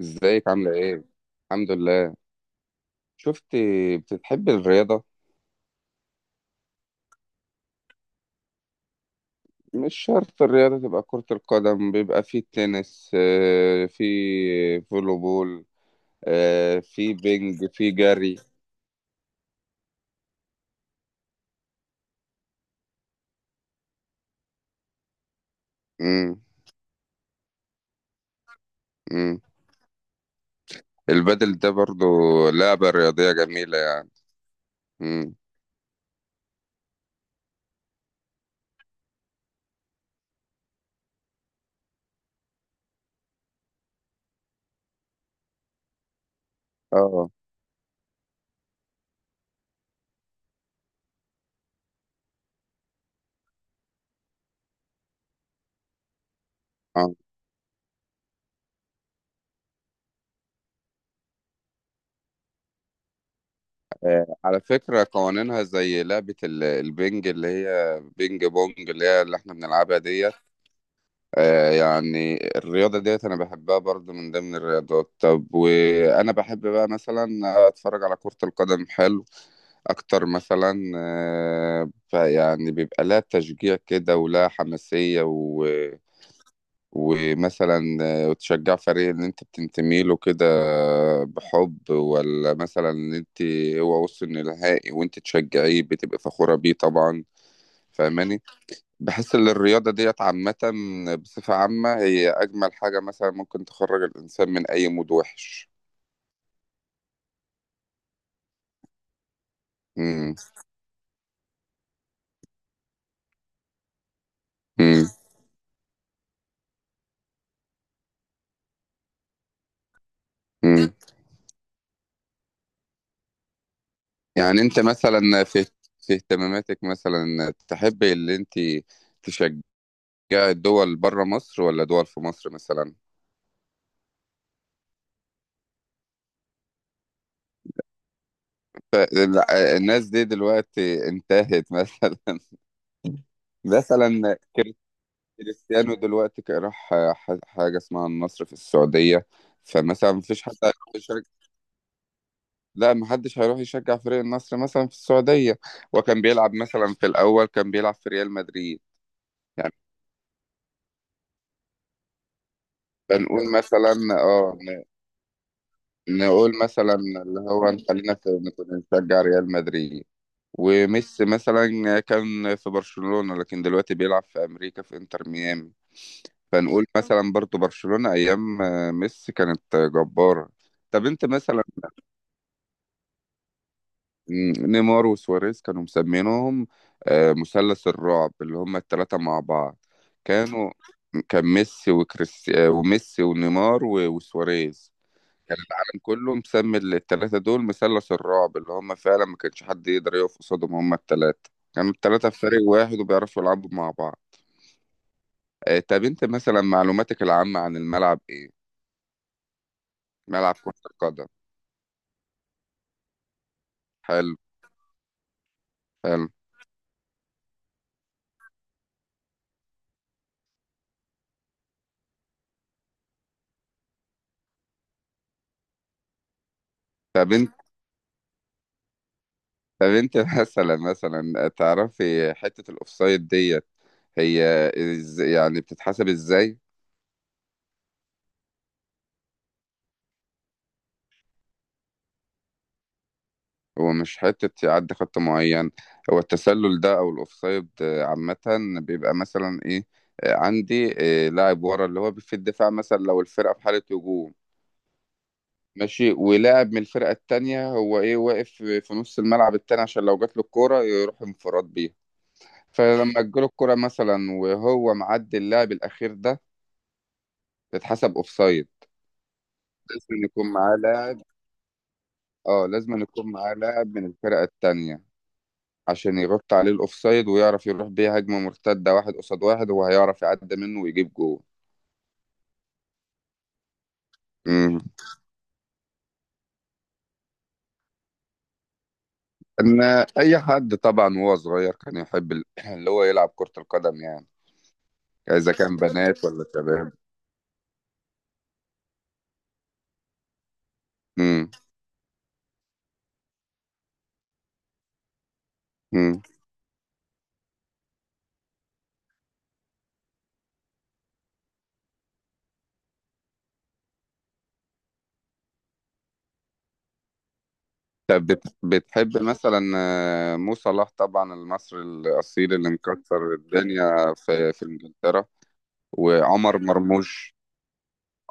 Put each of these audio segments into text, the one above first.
ازيك عاملة ايه؟ الحمد لله. شفت؟ بتحبي الرياضة؟ مش شرط الرياضة تبقى كرة القدم، بيبقى في تنس، في فولو بول، في بينج، في جري. مم. مم. البادل ده برضو لعبة رياضية جميلة يعني. مم. اه، اه. على فكرة قوانينها زي لعبة البينج، اللي هي بينج بونج، اللي هي اللي احنا بنلعبها دي. يعني الرياضة ديت أنا بحبها برضو من ضمن الرياضات. طب وأنا بحب بقى مثلا أتفرج على كرة القدم. حلو أكتر مثلا، فيعني بيبقى لها تشجيع كده ولها حماسية. و... ومثلا، وتشجع فريق اللي أنت بتنتمي له كده. بحب ولا مثلا إن أنت هو وصل نهائي وأنت تشجعيه بتبقى فخورة بيه طبعا. فاهماني؟ بحس ان الرياضه ديت عامه، بصفه عامه هي اجمل حاجه مثلا ممكن تخرج الانسان من اي مود وحش. امم. امم. امم. يعني انت مثلا في اهتماماتك مثلا تحبي اللي انت تشجعي الدول بره مصر ولا دول في مصر مثلا؟ لا، الناس دي دلوقتي انتهت مثلا. مثلا كريستيانو دلوقتي راح حاجه اسمها النصر في السعوديه. فمثلا مفيش حد. لا، محدش هيروح يشجع فريق النصر مثلا في السعودية. وكان بيلعب مثلا، في الأول كان بيلعب في ريال مدريد يعني. بنقول مثلا. اه، نقول مثلا اللي هو نخلينا في نكون نشجع ريال مدريد. وميسي مثلا كان في برشلونة، لكن دلوقتي بيلعب في أمريكا في إنتر ميامي. فنقول مثلا برضو برشلونة أيام ميسي كانت جبارة. طب أنت مثلا. مم، نيمار وسواريز كانوا مسمينهم مثلث الرعب، اللي هم الثلاثة مع بعض. كانوا، كان ميسي وكريس، وميسي ونيمار وسواريز. العالم كله مسمي الثلاثة دول مثلث الرعب، اللي هم فعلا ما كانش حد يقدر يقف قصادهم. هم الثلاثة كانوا الثلاثة في فريق واحد وبيعرفوا يلعبوا مع بعض. طب انت مثلا معلوماتك العامة عن الملعب ايه؟ ملعب كرة القدم. حلو. حلو. طب انت طب انت مثلا تعرفي حتة الاوفسايد دي هي، يعني بتتحسب ازاي؟ هو مش حتة يعدي خط معين. هو التسلل ده او الاوفسايد عامة، بيبقى مثلا ايه، عندي لاعب ورا اللي هو في الدفاع مثلا، لو الفرقة في حالة هجوم، ماشي، ولاعب من الفرقة التانية هو ايه واقف في نص الملعب التاني عشان لو جات له الكورة يروح انفراد بيها. فلما تجيله الكورة مثلا وهو معدي اللاعب الأخير ده، تتحسب اوفسايد. لازم يكون معاه لاعب. اه، لازم يكون معاه لاعب من الفرقة التانية عشان يرد عليه الأوفسايد ويعرف يروح بيه هجمة مرتدة، واحد قصاد واحد، هو هيعرف يعدي منه ويجيب جول. مم. إن أي حد طبعا وهو صغير كان يحب اللي هو يلعب كرة القدم يعني، إذا كان بنات ولا شباب. مم. مم. طب بتحب مثلا، مو صلاح طبعا المصري الأصيل اللي مكسر الدنيا في إنجلترا. وعمر مرموش.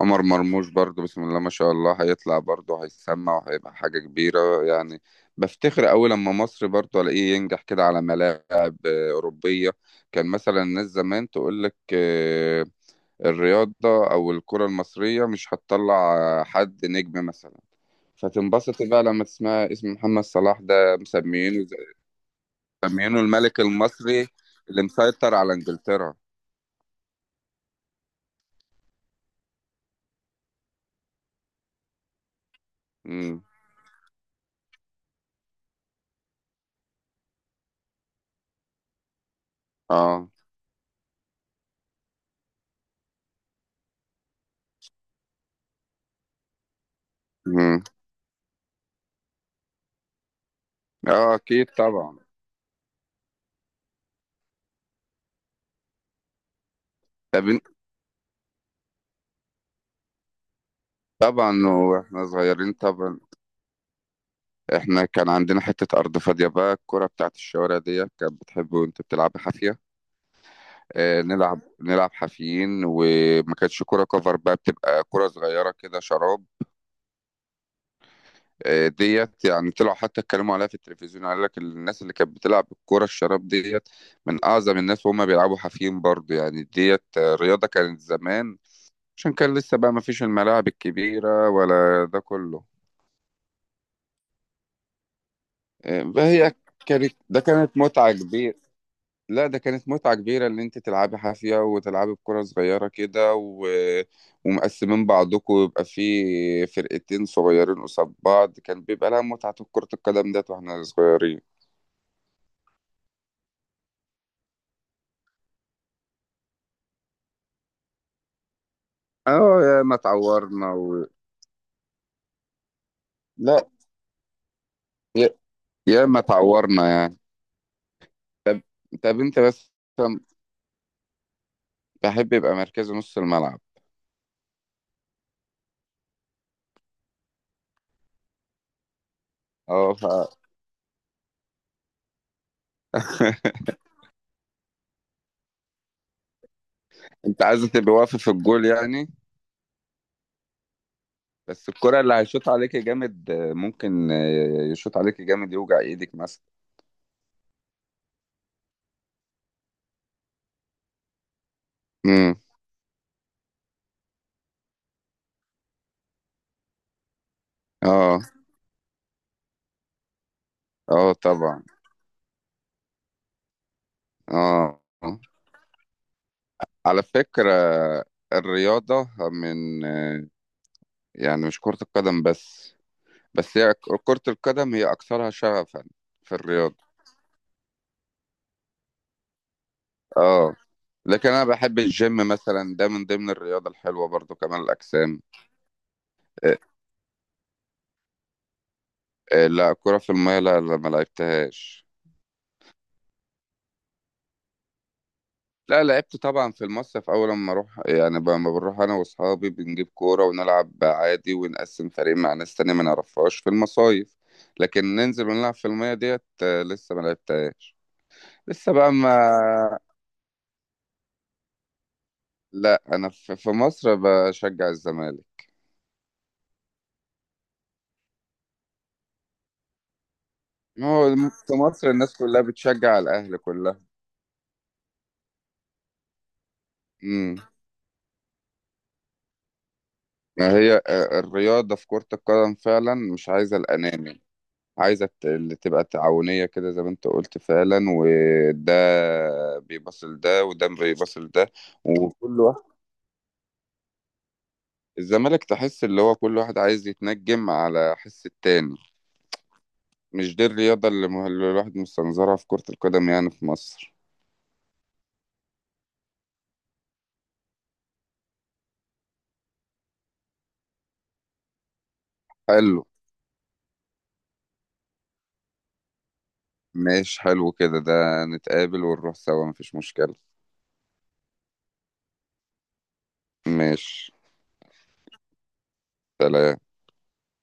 عمر مرموش برضو بسم الله ما شاء الله هيطلع برضو هيسمع وهيبقى حاجة كبيرة يعني. بفتخر أوي لما مصر برضو ألاقيه ينجح كده على ملاعب أوروبية. كان مثلا الناس زمان تقول لك، الرياضة أو الكرة المصرية مش هتطلع حد نجم مثلا. فتنبسط بقى لما تسمع اسم محمد صلاح ده مسميينه الملك المصري اللي مسيطر على إنجلترا. امم. اه. امم. اه، اكيد طبعا. طب، طبعا واحنا صغيرين طبعا. احنا كان عندنا حتة أرض فاضية، بقى الكرة بتاعت الشوارع دي كانت بتحب وانت بتلعب حافية. اه، نلعب حافيين، وما كانتش كرة كفر، بقى بتبقى كرة صغيرة كده شراب. اه، ديت يعني طلعوا حتى اتكلموا عليها في التلفزيون، قال لك الناس اللي كانت بتلعب الكرة الشراب ديت من أعظم الناس وهم بيلعبوا حافيين برضو يعني. ديت رياضة كانت زمان، عشان كان لسه بقى ما فيش الملاعب الكبيرة ولا ده كله. فهي كانت، ده كانت متعة كبيرة. لا، ده كانت متعة كبيرة، اللي انت تلعبي حافية وتلعبي بكرة صغيرة كده. ومقسمين بعضكم ويبقى في فرقتين صغيرين قصاد بعض، كان بيبقى لها متعة كرة القدم ديت واحنا صغيرين. اه، يا ما اتعورنا لا. يا... يا ما اتعورنا يعني. طب طب انت بس، بحب يبقى مركز نص الملعب. اه. انت عايزة تبقى واقفة في الجول يعني؟ بس الكرة اللي هيشوط عليك جامد ممكن يشوط عليك جامد يوجع ايدك مثلا. اه. اه طبعا. اه. آه. على فكرة الرياضة من، يعني مش كرة القدم بس، بس هي كرة القدم هي أكثرها شغفا في الرياضة. اه، لكن أنا بحب الجيم مثلا، ده من ضمن الرياضة الحلوة برضو، كمال الأجسام. إيه. إيه، لا، كرة في المية لا، لا، ما لعبتهاش. لا، لعبت طبعا في المصيف اول لما اروح يعني، لما بنروح انا واصحابي بنجيب كوره ونلعب عادي ونقسم فريق مع ناس تانية ما نعرفهاش في المصايف. لكن ننزل ونلعب في الميه ديت لسه ما لعبتهاش. لسه بقى ما. لا، انا في مصر بشجع الزمالك. ما هو في مصر الناس كلها بتشجع الاهلي كلها. امم. ما هي، الرياضه في كره القدم فعلا مش عايزه الاناني. عايزة اللي تبقى تعاونية كده، زي ما انت قلت فعلا، وده بيبص لده وده بيبص لده وكل واحد. الزمالك تحس اللي هو كل واحد عايز يتنجم على حس التاني. مش دي الرياضة اللي اللي الواحد مستنظرها في كرة القدم يعني في مصر. حلو. ماشي، حلو كده، ده نتقابل ونروح سوا مفيش مشكلة. ماشي. سلام.